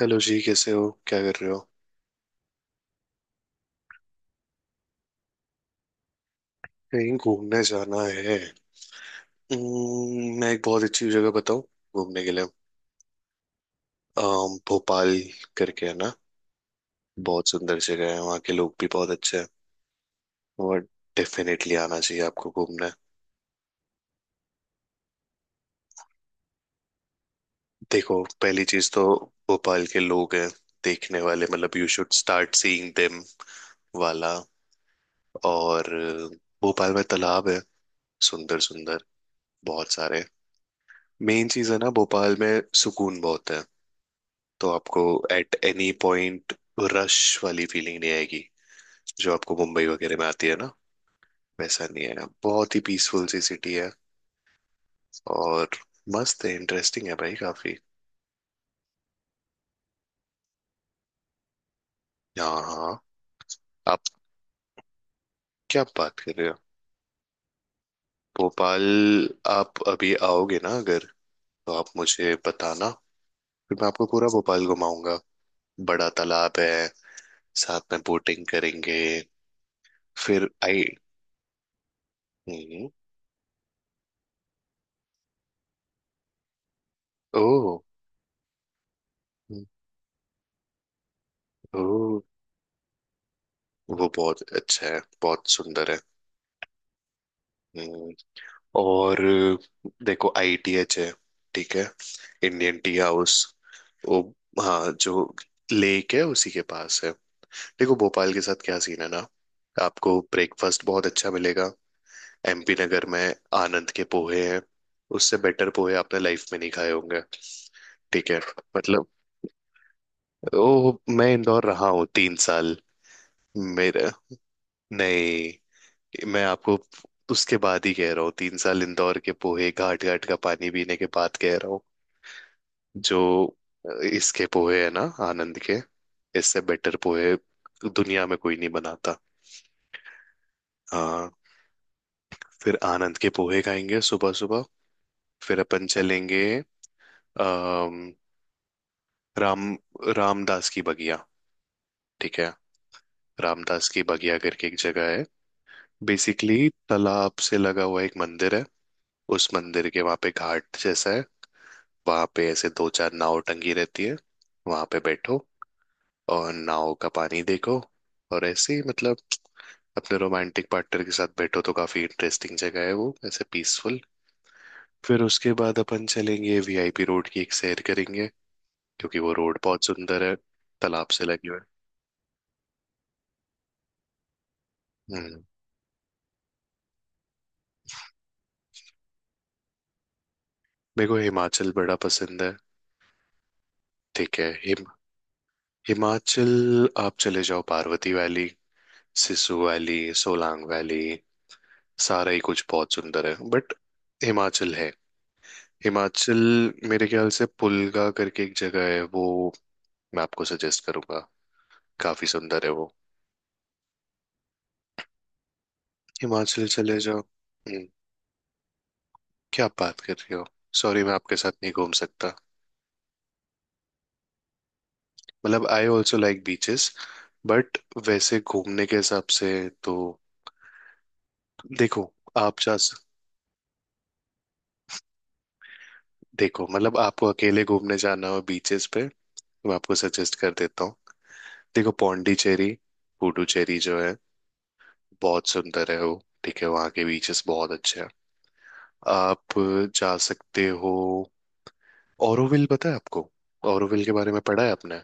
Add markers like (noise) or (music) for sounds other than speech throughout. Hello जी। कैसे हो? क्या कर रहे हो? कहीं घूमने जाना है? मैं एक बहुत अच्छी जगह बताऊं घूमने के लिए? भोपाल करके है ना। बहुत सुंदर जगह है। वहाँ के लोग भी बहुत अच्छे हैं। और डेफिनेटली आना चाहिए आपको घूमने। देखो, पहली चीज तो भोपाल के लोग हैं देखने वाले, मतलब you should start seeing them वाला। और भोपाल में तालाब है, सुंदर सुंदर, बहुत सारे। मेन चीज है ना, भोपाल में सुकून बहुत है। तो आपको एट एनी पॉइंट रश वाली फीलिंग नहीं आएगी, जो आपको मुंबई वगैरह में आती है ना। वैसा नहीं है, बहुत ही पीसफुल सी सिटी है। और मस्त है, इंटरेस्टिंग है भाई काफी। हाँ, हाँ। आप क्या बात कर रहे हो? भोपाल आप अभी आओगे ना, अगर तो आप मुझे बताना। फिर मैं आपको पूरा भोपाल घुमाऊंगा। बड़ा तालाब है, साथ में बोटिंग करेंगे। फिर आई। हम्म। ओह। हम्म। ओह। वो बहुत अच्छा है, बहुत सुंदर है। हम्म, और देखो, आईटीएच है, ठीक है, इंडियन टी हाउस वो, हाँ, जो लेक है उसी के पास है। देखो, भोपाल के साथ क्या सीन है ना, आपको ब्रेकफास्ट बहुत अच्छा मिलेगा एमपी नगर में। आनंद के पोहे हैं, उससे बेटर पोहे आपने लाइफ में नहीं खाए होंगे। ठीक है। मतलब, ओ, मैं इंदौर रहा हूँ 3 साल। मेरा नहीं, मैं आपको उसके बाद ही कह रहा हूँ, 3 साल इंदौर के पोहे, घाट घाट का पानी पीने के बाद कह रहा हूँ। जो इसके पोहे है ना, आनंद के, इससे बेटर पोहे दुनिया में कोई नहीं बनाता। हाँ। फिर आनंद के पोहे खाएंगे सुबह सुबह, फिर अपन चलेंगे। अम, राम रामदास की बगिया, ठीक है, रामदास की बगिया करके एक जगह है। बेसिकली, तालाब से लगा हुआ एक मंदिर है। उस मंदिर के वहां पे घाट जैसा है। वहां पे ऐसे दो चार नाव टंगी रहती है। वहां पे बैठो और नाव का पानी देखो, और ऐसे ही मतलब अपने रोमांटिक पार्टनर के साथ बैठो, तो काफी इंटरेस्टिंग जगह है वो, ऐसे पीसफुल। फिर उसके बाद अपन चलेंगे, वीआईपी रोड की एक सैर करेंगे, क्योंकि वो रोड बहुत सुंदर है, तालाब से लगी हुई है। हम्म। मेरे को हिमाचल बड़ा पसंद है। ठीक है, हिमाचल। आप चले जाओ Parvati valley, Sisu valley, Solang valley. सारा ही कुछ बहुत सुंदर है, बट हिमाचल है हिमाचल। मेरे ख्याल से पुलगा करके एक जगह है, वो मैं आपको सजेस्ट करूंगा। काफी सुंदर है वो। हिमाचल चले जाओ। हम्म। क्या बात कर रहे हो? सॉरी, मैं आपके साथ नहीं घूम सकता। मतलब, I also like beaches, but वैसे घूमने के हिसाब से तो देखो, आप जा सक- देखो, मतलब आपको अकेले घूमने जाना हो बीचेस पे, मैं आपको सजेस्ट कर देता हूँ। देखो, पौंडीचेरी, पुडुचेरी जो है, बहुत सुंदर है वो। ठीक है, वहाँ के बीचेस बहुत अच्छे हैं, आप जा सकते हो। ओरोविल पता है आपको? ओरोविल के बारे में पढ़ा है आपने?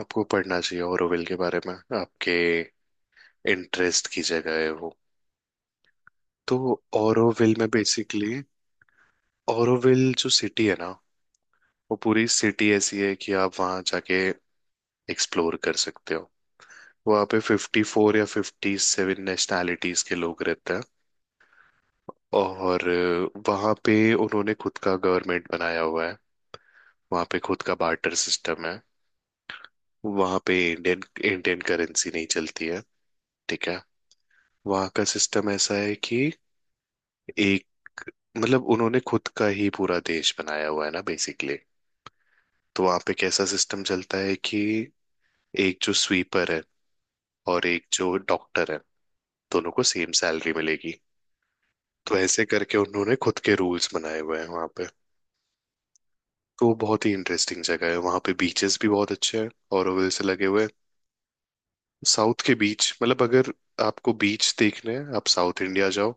आपको पढ़ना चाहिए ओरोविल के बारे में, आपके इंटरेस्ट की जगह है वो, तो। ओरोविल में बेसिकली, ओरोविल जो सिटी है ना, वो पूरी सिटी ऐसी है कि आप वहाँ जाके एक्सप्लोर कर सकते हो। वहाँ पे 54 या 57 नेशनैलिटीज के लोग रहते हैं। और वहाँ पे उन्होंने खुद का गवर्नमेंट बनाया हुआ है, वहाँ पे खुद का बार्टर सिस्टम है, वहाँ पे इंडियन इंडियन करेंसी नहीं चलती है। ठीक है। वहाँ का सिस्टम ऐसा है कि एक, मतलब उन्होंने खुद का ही पूरा देश बनाया हुआ है ना, बेसिकली। तो वहां पे कैसा सिस्टम चलता है कि एक जो स्वीपर है, और एक जो डॉक्टर है, दोनों को सेम सैलरी मिलेगी। तो ऐसे करके उन्होंने खुद के रूल्स बनाए हुए हैं वहां पे। तो वो बहुत ही इंटरेस्टिंग जगह है, वहां पे बीचेस भी बहुत अच्छे हैं और से लगे हुए हैं। साउथ के बीच, मतलब अगर आपको बीच देखने हैं आप साउथ इंडिया जाओ,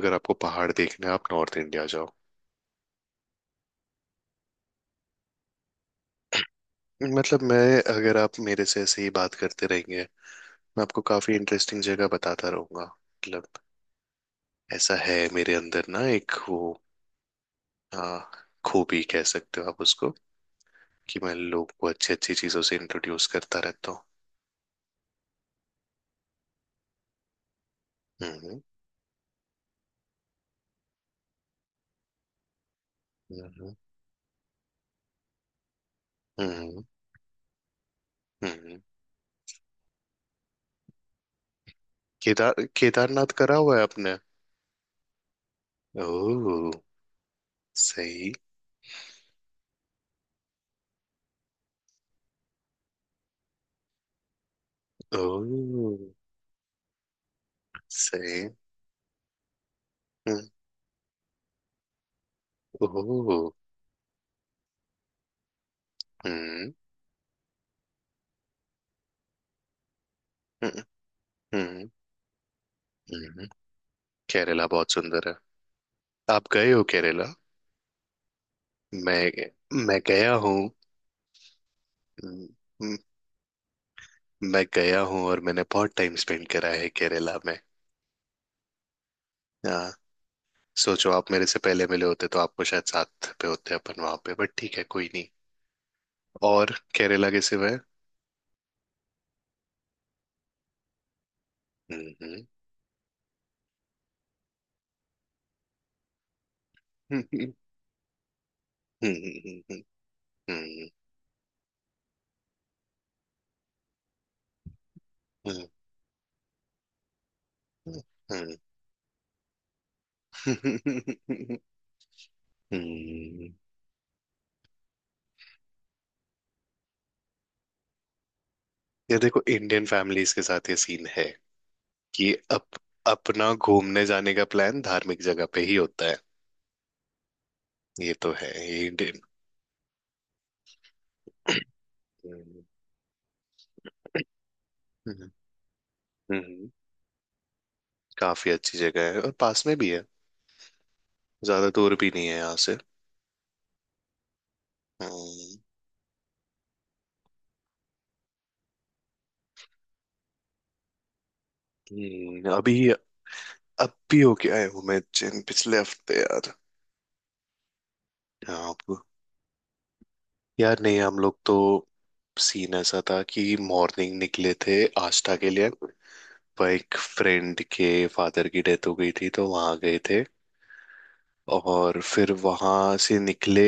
अगर आपको पहाड़ देखने हैं आप नॉर्थ इंडिया जाओ। मतलब मैं, अगर आप मेरे से ऐसे ही बात करते रहेंगे, मैं आपको काफी इंटरेस्टिंग जगह बताता रहूंगा मतलब। ऐसा है मेरे अंदर ना एक वो, आ, खूबी कह सकते हो आप उसको, कि मैं लोगों को अच्छी अच्छी चीजों से इंट्रोड्यूस करता रहता हूँ। हम्म। हम्म। हम्म। हम्म। हम्म। केदारनाथ करा हुआ है आपने? ओह। सही। ओह। सही। हम्म। ओह। हम्म। हम्म। हम्म। हम्म। केरला बहुत सुंदर है। आप गए हो केरला? मैं गया हूँ। मैं गया हूँ और मैंने बहुत टाइम स्पेंड करा है केरला में। हाँ। सोचो, आप मेरे से पहले मिले होते तो आपको शायद साथ पे होते अपन वहां पे, बट ठीक है, कोई नहीं। और केरला के सिवाय। हम्म। हम्म। हम्म। हम्म। हम्म। हम्म। हम्म। हम्म। हम्म। ये देखो, इंडियन फैमिलीज के साथ ये सीन है कि अपना घूमने जाने का प्लान धार्मिक जगह पे ही होता है। ये तो है ये इंडियन। हम्म। हम्म। हम्म। काफी अच्छी जगह है और पास में भी है। ज्यादा दूर भी नहीं है यहाँ से। हम्म। अभी अब भी होके आए हूँ मैं उज्जैन पिछले हफ्ते यार। यहाँ आप, यार नहीं, हम लोग तो, सीन ऐसा था कि मॉर्निंग निकले थे आष्टा के लिए, पर एक फ्रेंड के फादर की डेथ हो गई थी तो वहां गए थे। और फिर वहां से निकले,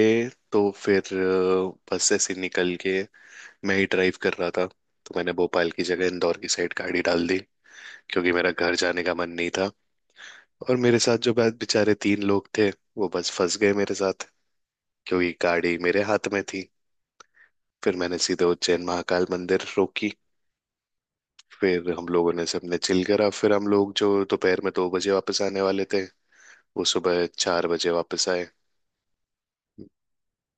तो फिर बस ऐसे निकल के, मैं ही ड्राइव कर रहा था, तो मैंने भोपाल की जगह इंदौर की साइड गाड़ी डाल दी। क्योंकि मेरा घर जाने का मन नहीं था। और मेरे साथ जो बेचारे तीन लोग थे, वो बस फंस गए मेरे साथ, क्योंकि गाड़ी मेरे हाथ में थी। फिर मैंने सीधे उज्जैन महाकाल मंदिर रोकी। फिर हम लोगों ने सबने चिल करा, फिर हम लोग जो दोपहर में 2 बजे वापस आने वाले थे, वो सुबह 4 बजे वापस आए।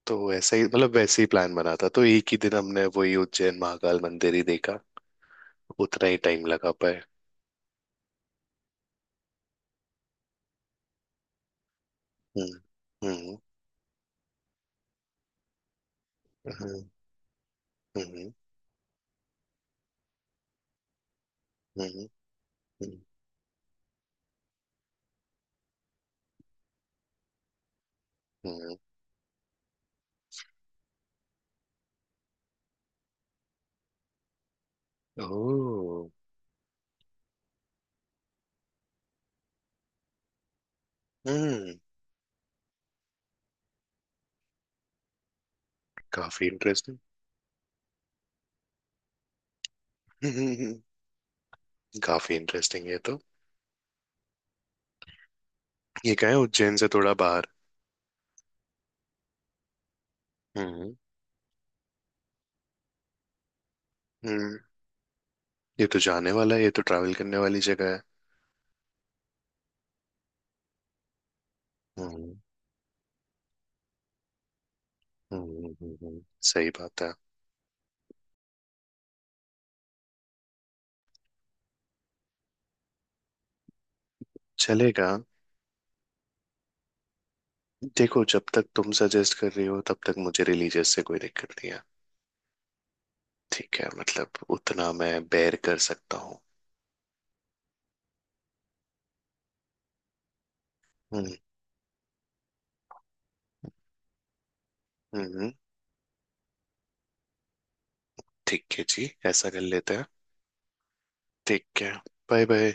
तो ऐसा ही मतलब, वैसे ही प्लान बना था, तो एक ही दिन हमने वही उज्जैन महाकाल मंदिर ही देखा, उतना ही टाइम लगा पाए। हम्म। हम्म। हम्म। हम्म। हम्म। हम्म। हम्म। ओह। हम्म। काफी इंटरेस्टिंग। (laughs) काफी इंटरेस्टिंग है तो। ये क्या है, उज्जैन से थोड़ा बाहर? हम्म। हम्म। ये तो जाने वाला है, ये तो ट्रैवल करने वाली जगह है। हम्म। हम्म। हम्म। सही बात है। चलेगा। देखो, जब तक तुम सजेस्ट कर रही हो तब तक मुझे रिलीजियस से कोई दिक्कत नहीं है। ठीक है, मतलब उतना मैं बेर कर सकता हूँ। हम्म। हम्म। हम्म। ठीक है जी, ऐसा कर लेते हैं। ठीक है। Bye bye.